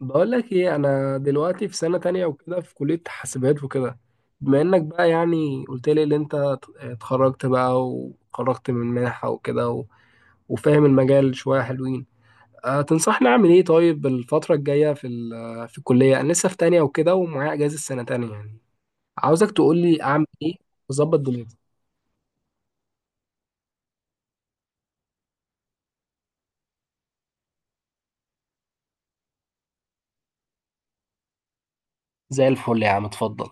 بقول لك ايه، انا دلوقتي في سنة تانية وكده، في كلية حاسبات وكده. بما انك بقى يعني قلت لي ان انت اتخرجت بقى وخرجت من منحة وكده و- وفاهم المجال شوية حلوين. تنصحني اعمل ايه؟ طيب الفترة الجاية في الكلية، انا لسه في تانية وكده، ومعايا اجازة سنة تانية يعني. عاوزك تقول لي اعمل ايه، واظبط دنيتي. زي الفل يا عم، اتفضل.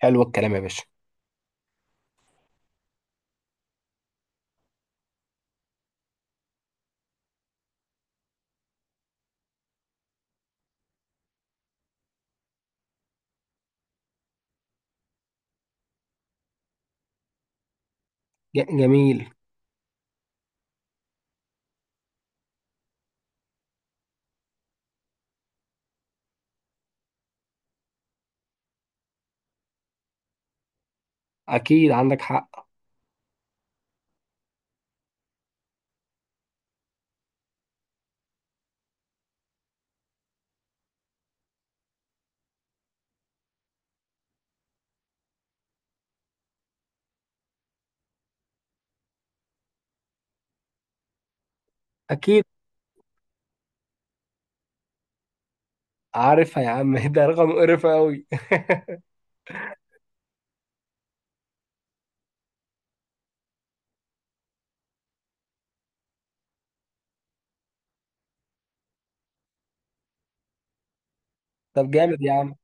حلو الكلام يا باشا. جميل. اكيد عندك حق. اكيد عارفها يا عم ده رقم قرف قوي. طب جامد يا عم.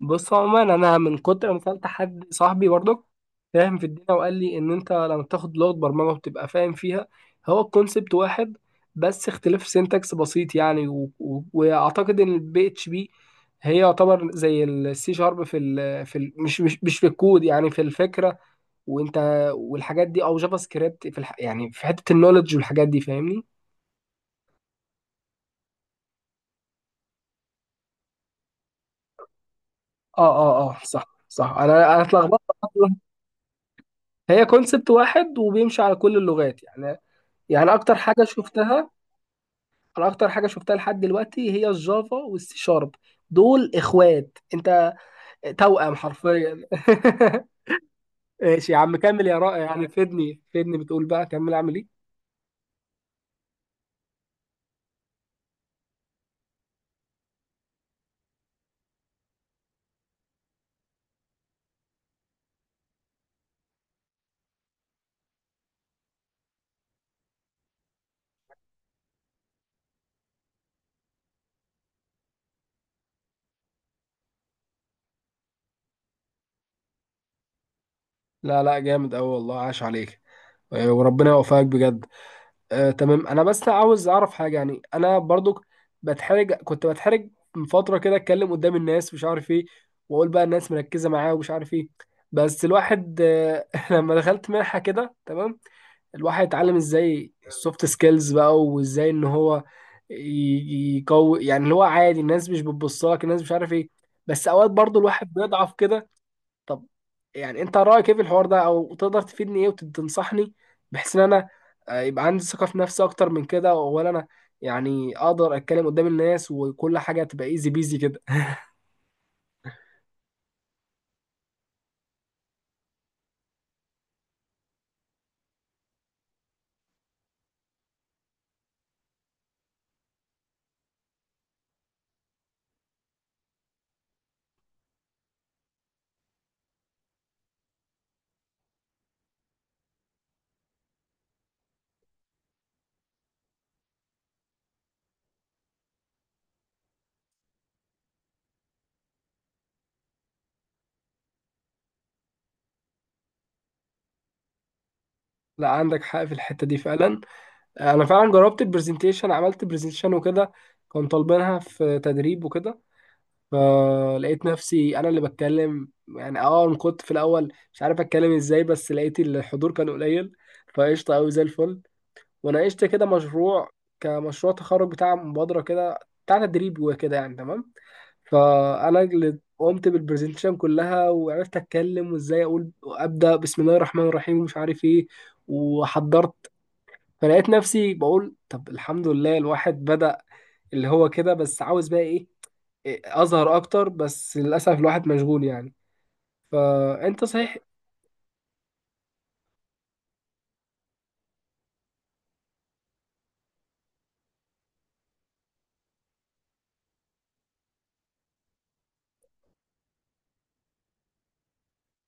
بص، عموما انا من كتر ما سالت حد صاحبي برضك، فاهم في الدنيا، وقال لي ان انت لما تاخد لغه برمجه وتبقى فاهم فيها، هو الكونسبت واحد. بس اختلاف سينتاكس بسيط يعني، واعتقد ان البي اتش بي هي يعتبر زي السي شارب، مش في الكود، يعني في الفكره. وانت، والحاجات دي او جافا سكريبت يعني في حته النولج والحاجات دي، فاهمني. اه اه صح، صح، انا اتلخبطت. هي كونسبت واحد، وبيمشي على كل اللغات يعني. يعني اكتر حاجه شفتها، انا اكتر حاجه شفتها لحد دلوقتي هي الجافا والسي شارب، دول اخوات. انت توأم حرفيا. ماشي يا عم، كمل يا رائع، يعني فدني فدني، بتقول بقى كمل اعمل ايه؟ لا، لا، جامد قوي والله، عاش عليك. وربنا يوفقك بجد. تمام، انا بس عاوز اعرف حاجه يعني، انا برضو كنت بتحرج من فتره كده، اتكلم قدام الناس، مش عارف ايه، واقول بقى الناس مركزه معايا، ومش عارف ايه. بس الواحد لما دخلت منحه كده تمام، الواحد اتعلم ازاي السوفت سكيلز بقى، وازاي ان هو يقوي، يعني اللي هو عادي الناس مش بتبص لك، الناس مش عارف ايه. بس اوقات برضو الواحد بيضعف كده. طب يعني، انت رايك ايه في الحوار ده؟ او تقدر تفيدني ايه وتنصحني بحيث ان انا يبقى عندي ثقه في نفسي اكتر من كده، ولا انا يعني اقدر اتكلم قدام الناس وكل حاجه تبقى ايزي بيزي كده؟ لا، عندك حق في الحته دي فعلا. انا فعلا جربت البرزنتيشن، عملت برزنتيشن وكده، كان طالبينها في تدريب وكده. فلقيت نفسي انا اللي بتكلم يعني، أنا كنت في الاول مش عارف اتكلم ازاي، بس لقيت الحضور كان قليل، فقشطه قوي زي الفل. وناقشت كده مشروع، كمشروع تخرج بتاع مبادرة كده، بتاع تدريب وكده يعني، تمام. فأنا اللي قمت بالبرزنتيشن كلها، وعرفت أتكلم، وإزاي أقول أبدأ بسم الله الرحمن الرحيم ومش عارف إيه. وحضرت. فلقيت نفسي بقول، طب الحمد لله الواحد بدأ، اللي هو كده، بس عاوز بقى إيه؟ إيه، أظهر أكتر، بس للأسف الواحد مشغول يعني. فأنت صحيح.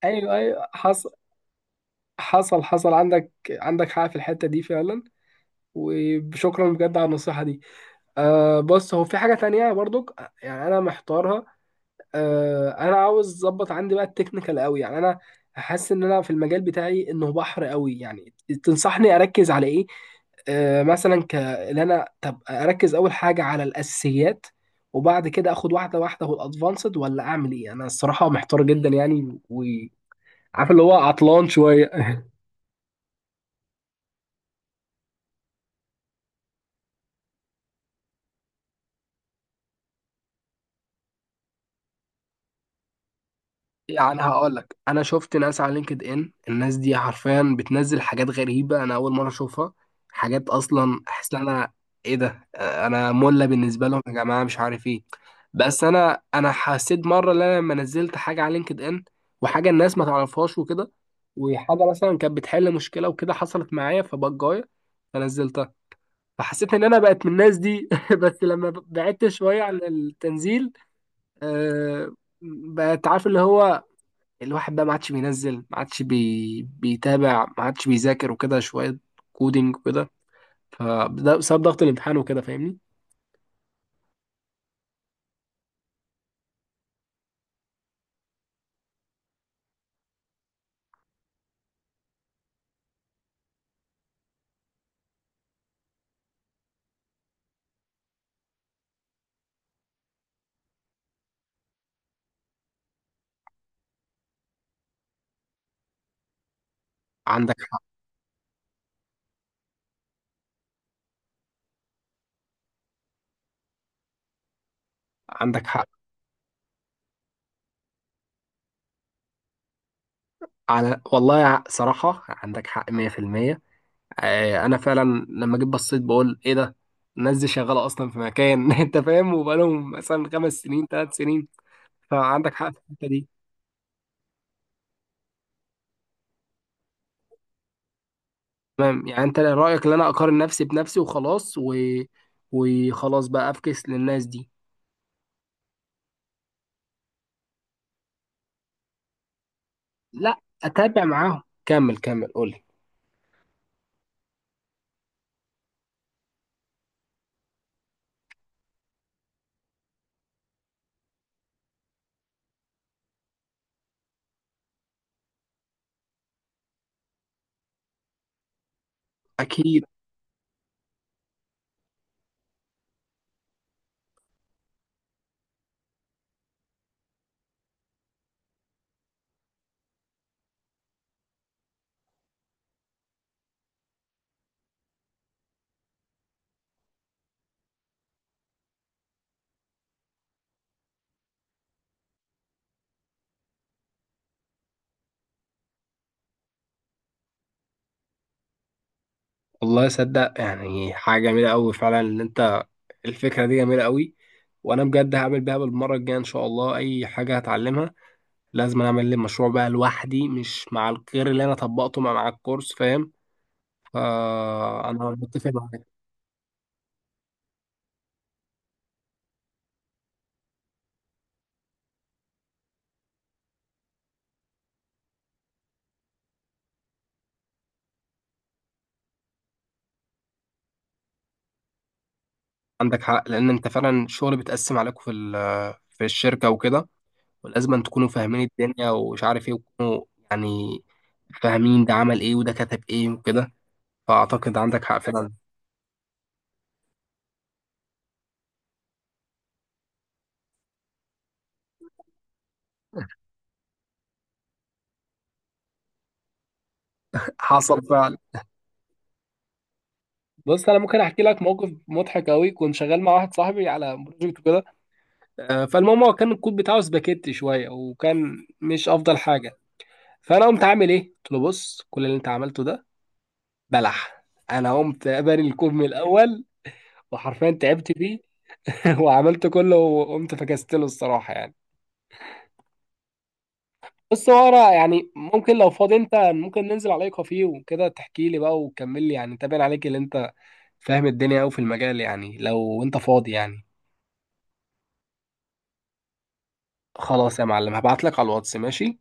أيوه، أيوه، حصل، حصل، حصل، عندك حق في الحتة دي فعلا. وشكرا بجد على النصيحة دي. بص، هو في حاجة تانية برضك، يعني أنا محتارها. أنا عاوز أظبط عندي بقى التكنيكال قوي، يعني أنا حاسس إن أنا في المجال بتاعي إنه بحر قوي يعني، تنصحني أركز على إيه؟ مثلا إن أنا، طب أركز أول حاجة على الأساسيات، وبعد كده آخد واحدة واحدة والأدفانسد، ولا أعمل إيه؟ أنا الصراحة محتار جدا يعني، وعارف اللي هو عطلان شوية. يعني هقول لك، انا شفت ناس على لينكد ان، الناس دي حرفيا بتنزل حاجات غريبه، انا اول مره اشوفها، حاجات اصلا احس ان انا، ايه ده؟ انا مله بالنسبه لهم يا جماعه، مش عارف ايه. بس انا حسيت مره ان انا لما نزلت حاجه على لينكد ان، وحاجه الناس ما تعرفهاش وكده، وحاجه مثلا كانت بتحل مشكله وكده حصلت معايا فبجايه، فنزلتها، فحسيت ان انا بقت من الناس دي. بس لما بعدت شويه عن التنزيل، آه، بقت عارف، اللي هو الواحد بقى ما عادش بينزل، ما عادش بيتابع، ما عادش بيذاكر وكده شوية كودينج وكده، فده بسبب ضغط الامتحان وكده فاهمني. عندك حق، عندك حق، على والله، صراحة عندك حق 100%. أنا فعلا لما جيت بصيت بقول إيه ده، الناس دي شغالة أصلا في مكان أنت فاهم، وبقالهم مثلا 5 سنين، 3 سنين. فعندك حق في الحتة دي. تمام، يعني أنت رأيك إن أنا أقارن نفسي بنفسي وخلاص وخلاص بقى أفكس للناس دي. لا، اتابع معاهم، كمل، كمل، قولي. اكيد. والله صدق، يعني حاجه جميله قوي فعلا، ان انت الفكره دي جميله قوي، وانا بجد هعمل بيها بالمره الجايه ان شاء الله، اي حاجه هتعلمها لازم أنا اعمل لي مشروع بقى لوحدي، مش مع الغير، اللي انا طبقته مع الكورس فاهم. فانا متفق معاك. عندك حق لان انت فعلا الشغل بيتقسم عليكم في الشركه وكده، ولازم أن تكونوا فاهمين الدنيا ومش عارف ايه، وتكونوا يعني فاهمين ده عمل ايه وده كتب ايه وكده. فأعتقد عندك حق فعلا. حصل فعلا. بص، انا ممكن احكي لك موقف مضحك قوي، كنت شغال مع واحد صاحبي على بروجكت وكده. فالمهم هو كان الكود بتاعه سباكيتي شويه، وكان مش افضل حاجه. فانا قمت عامل ايه، قلت له بص كل اللي انت عملته ده بلح. انا قمت بني الكود من الاول، وحرفيا تعبت فيه، وعملت كله وقمت فكست له الصراحه يعني. بص هو انا يعني، ممكن لو فاضي انت، ممكن ننزل عليك كافيه وكده تحكي لي بقى وتكمل لي يعني، تابع عليك اللي انت فاهم الدنيا أوي في المجال، يعني لو أنت فاضي يعني. خلاص يا معلم، هبعتلك على الواتس، ماشي؟